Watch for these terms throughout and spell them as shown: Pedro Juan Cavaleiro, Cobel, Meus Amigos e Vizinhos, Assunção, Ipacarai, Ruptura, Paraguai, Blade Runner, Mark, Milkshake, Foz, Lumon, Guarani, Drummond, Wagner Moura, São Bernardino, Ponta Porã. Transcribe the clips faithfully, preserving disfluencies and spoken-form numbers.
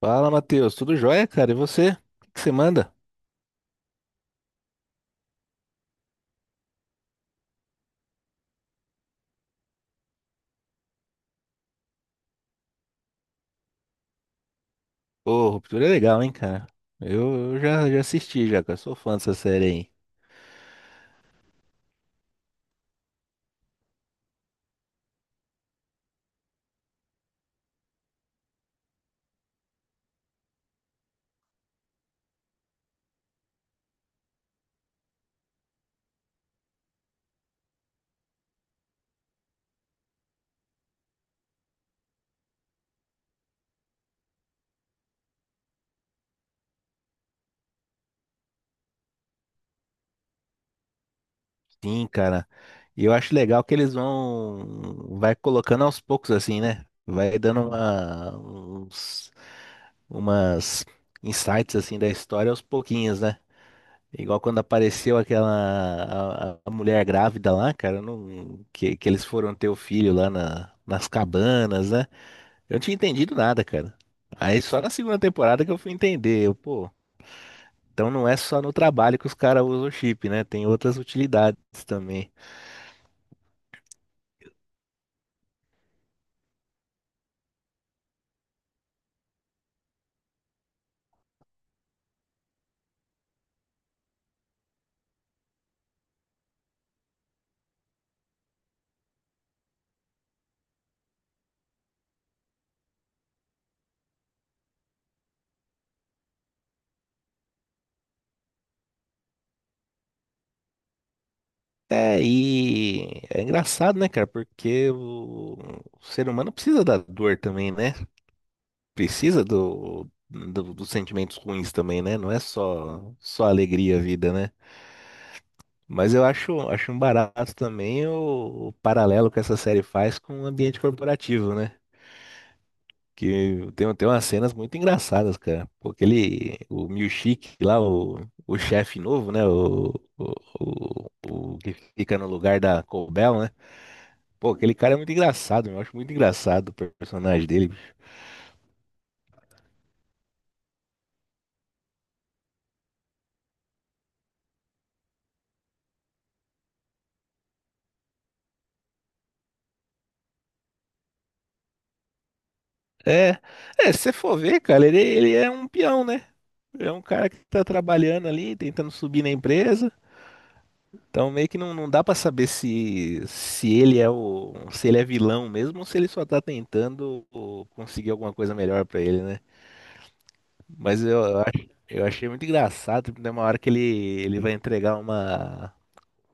Fala, Matheus. Tudo jóia, cara? E você? O que que você manda? Ô, Ruptura é legal, hein, cara? Eu, eu já, já assisti, já, cara. Sou fã dessa série aí. Sim, cara. E eu acho legal que eles vão... Vai colocando aos poucos, assim, né? Vai dando uma... Uns, umas insights, assim, da história aos pouquinhos, né? Igual quando apareceu aquela... A, a mulher grávida lá, cara. não- que, que eles foram ter o filho lá na, nas cabanas, né? Eu não tinha entendido nada, cara. Aí só na segunda temporada que eu fui entender. Eu, pô, então não é só no trabalho que os caras usam o chip, né? Tem outras utilidades também. É, e é engraçado, né, cara? Porque o, o ser humano precisa da dor também, né? Precisa do, do- dos sentimentos ruins também, né? Não é só, só alegria a vida, né? Mas eu acho, acho um barato também o, o paralelo que essa série faz com o ambiente corporativo, né? Que tem, tem umas cenas muito engraçadas, cara. Porque ele, o Milkshake lá, o, o chefe novo, né? O, o, o, o que fica no lugar da Cobel, né? Pô, aquele cara é muito engraçado, eu acho muito engraçado o personagem dele, bicho. É, é, se você for ver, cara, ele, ele é um peão, né? É um cara que tá trabalhando ali, tentando subir na empresa. Então meio que não, não dá pra saber se, se ele é o, se ele é vilão mesmo ou se ele só tá tentando ô, conseguir alguma coisa melhor pra ele, né? Mas eu, eu ach- eu achei muito engraçado, tipo, tem uma hora que ele, ele vai entregar uma,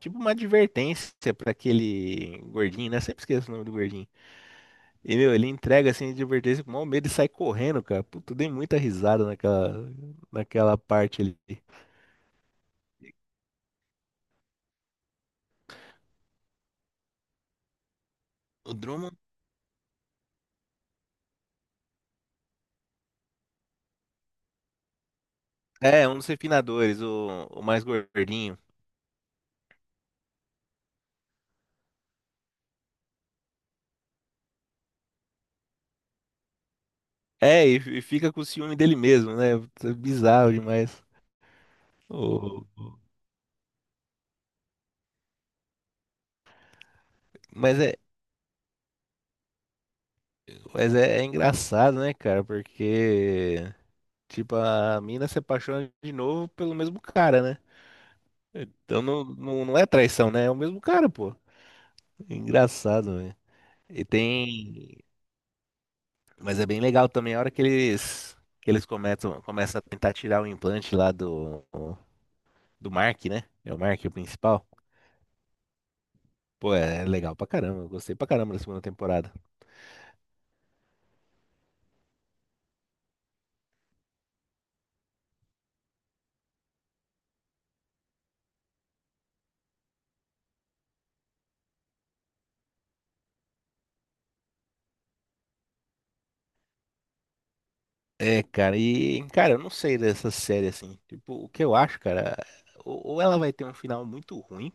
tipo uma advertência pra aquele gordinho, né? Sempre esqueço o nome do gordinho. E, meu, ele entrega assim, a advertência com o maior medo e sai correndo, cara. Puta, eu dei muita risada naquela, naquela parte ali. O Drummond é um dos refinadores, o, o mais gordinho. É, e, e fica com o ciúme dele mesmo, né? Puta, bizarro demais. o- mas é, mas é é engraçado, né, cara? Porque. Tipo, a mina se apaixona de novo pelo mesmo cara, né? Então não, não, não é traição, né? É o mesmo cara, pô. Engraçado, velho. E tem. Mas é bem legal também a hora que eles, que eles começam, começam a tentar tirar o implante lá do, do Mark, né? É o Mark, o principal. Pô, é legal pra caramba. Eu gostei pra caramba da segunda temporada. É, cara, e, cara, eu não sei dessa série assim. Tipo, o que eu acho, cara, ou, ou ela vai ter um final muito ruim,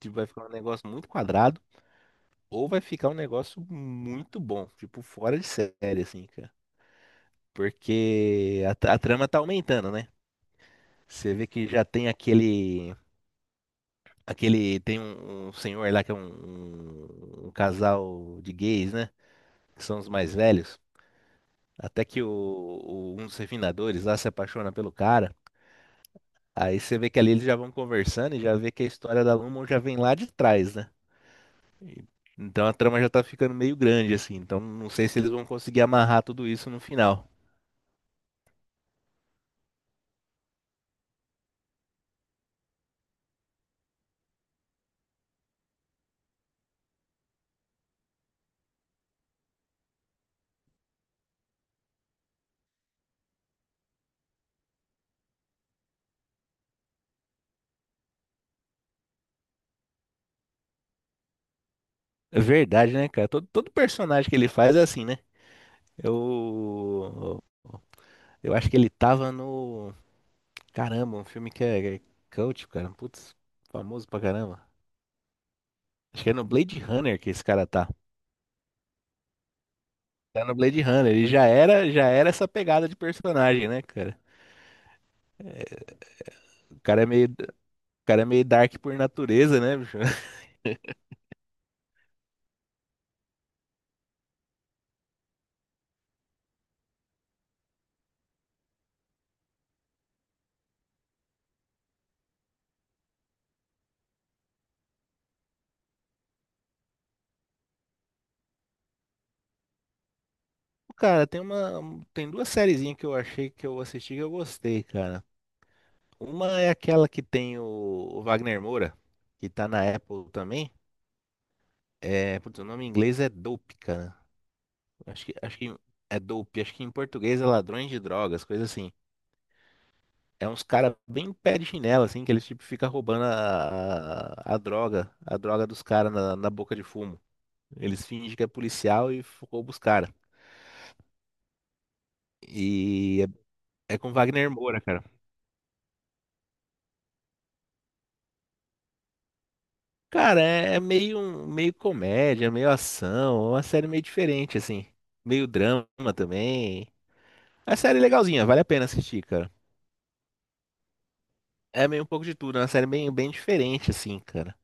tipo, vai ficar um negócio muito quadrado. Ou vai ficar um negócio muito bom, tipo, fora de série, assim, cara. Porque a, tra- a trama tá aumentando, né? Você vê que já tem aquele. Aquele. Tem um, um senhor lá que é um, um- um casal de gays, né? Que são os mais velhos. Até que o, o- um dos refinadores lá se apaixona pelo cara. Aí você vê que ali eles já vão conversando e já vê que a história da Lumon já vem lá de trás, né? E- Então a trama já tá ficando meio grande, assim. Então não sei se eles vão conseguir amarrar tudo isso no final. É verdade, né, cara? Todo, todo personagem que ele faz é assim, né? Eu. Eu acho que ele tava no. Caramba, um filme que é, é cult, cara. Putz, famoso pra caramba. Acho que é no Blade Runner que esse cara tá. Tá no Blade Runner. Ele já era, já era essa pegada de personagem, né, cara? O cara é meio, o cara é meio dark por natureza, né, bicho? Cara, tem uma, tem duas sériezinhas que eu achei que eu assisti que eu gostei, cara. Uma é aquela que tem o, o Wagner Moura, que tá na Apple também. É, putz, o nome em inglês é dope, cara. Acho que, acho que é dope. Acho que em português é ladrões de drogas, coisa assim. É uns cara bem pé de chinela, assim, que eles tipo ficam roubando a, a, a droga, a droga dos caras na, na boca de fumo. Eles fingem que é policial e f- roubam os caras. E é, é com Wagner Moura, cara. Cara, é, é meio, um- meio comédia, meio ação, é uma série meio diferente, assim. Meio drama também. A série é legalzinha, vale a pena assistir, cara. É meio um pouco de tudo, é uma série bem, bem diferente, assim, cara.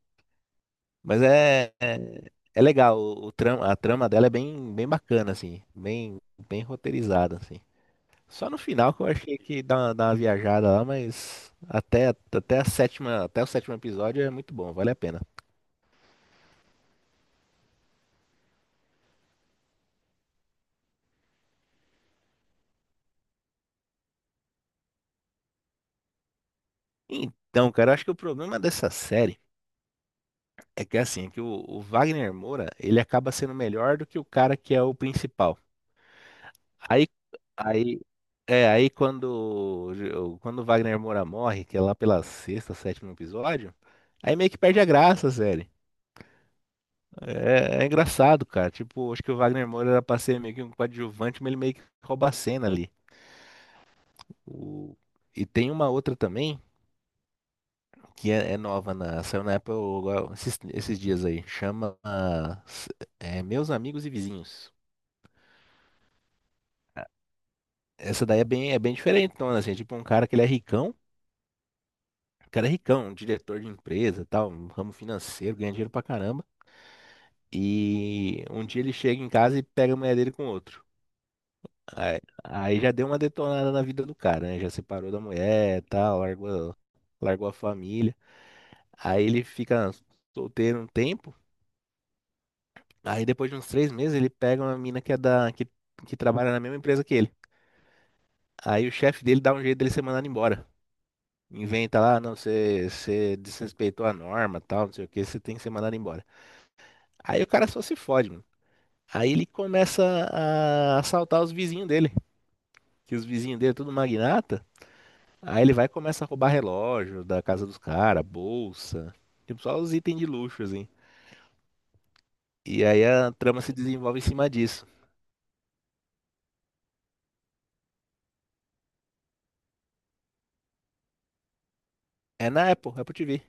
Mas é, é, é legal, o, o trama, a trama dela é bem, bem bacana, assim, bem, bem roteirizada, assim. Só no final que eu achei que dá uma, dá uma viajada lá, mas até, até a sétima, até o sétimo episódio é muito bom, vale a pena. Então, cara, eu acho que o problema dessa série é que, assim, é que o, o Wagner Moura, ele acaba sendo melhor do que o cara que é o principal. Aí, aí, é, aí quando, o- quando o Wagner Moura morre, que é lá pela sexta, sétimo episódio, aí meio que perde a graça, sério. É, é engraçado, cara. Tipo, acho que o Wagner Moura era pra ser meio que um coadjuvante, mas ele meio que rouba a cena ali. O- E tem uma outra também, que é, é nova, na... saiu na Apple agora, esses, esses dias aí. Chama ah, s- é, Meus Amigos e Vizinhos. Essa daí é bem, é bem diferentona, assim. É Tipo, um cara que ele é ricão. O cara é ricão, um diretor de empresa, tal, um ramo financeiro, ganha dinheiro pra caramba. E um dia ele chega em casa e pega a mulher dele com outro. Aí, aí já deu uma detonada na vida do cara, né? Já separou da mulher, tal, largou, largou a família. Aí ele fica solteiro um tempo. Aí depois de uns três meses ele pega uma mina que é da que, que trabalha na mesma empresa que ele. Aí o chefe dele dá um jeito dele ser mandado embora. Inventa lá, "Ah, não, você você desrespeitou a norma, tal, não sei o que, você tem que ser mandado embora." Aí o cara só se fode. Aí ele começa a assaltar os vizinhos dele, que os vizinhos dele é tudo magnata. Aí ele vai e começa a roubar relógio da casa dos caras, bolsa, tipo só os itens de luxo, assim. E aí a trama se desenvolve em cima disso. É na Apple, Apple T V.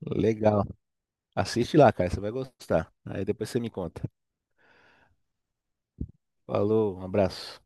Legal. Assiste lá, cara, você vai gostar. Aí depois você me conta. Falou, um abraço.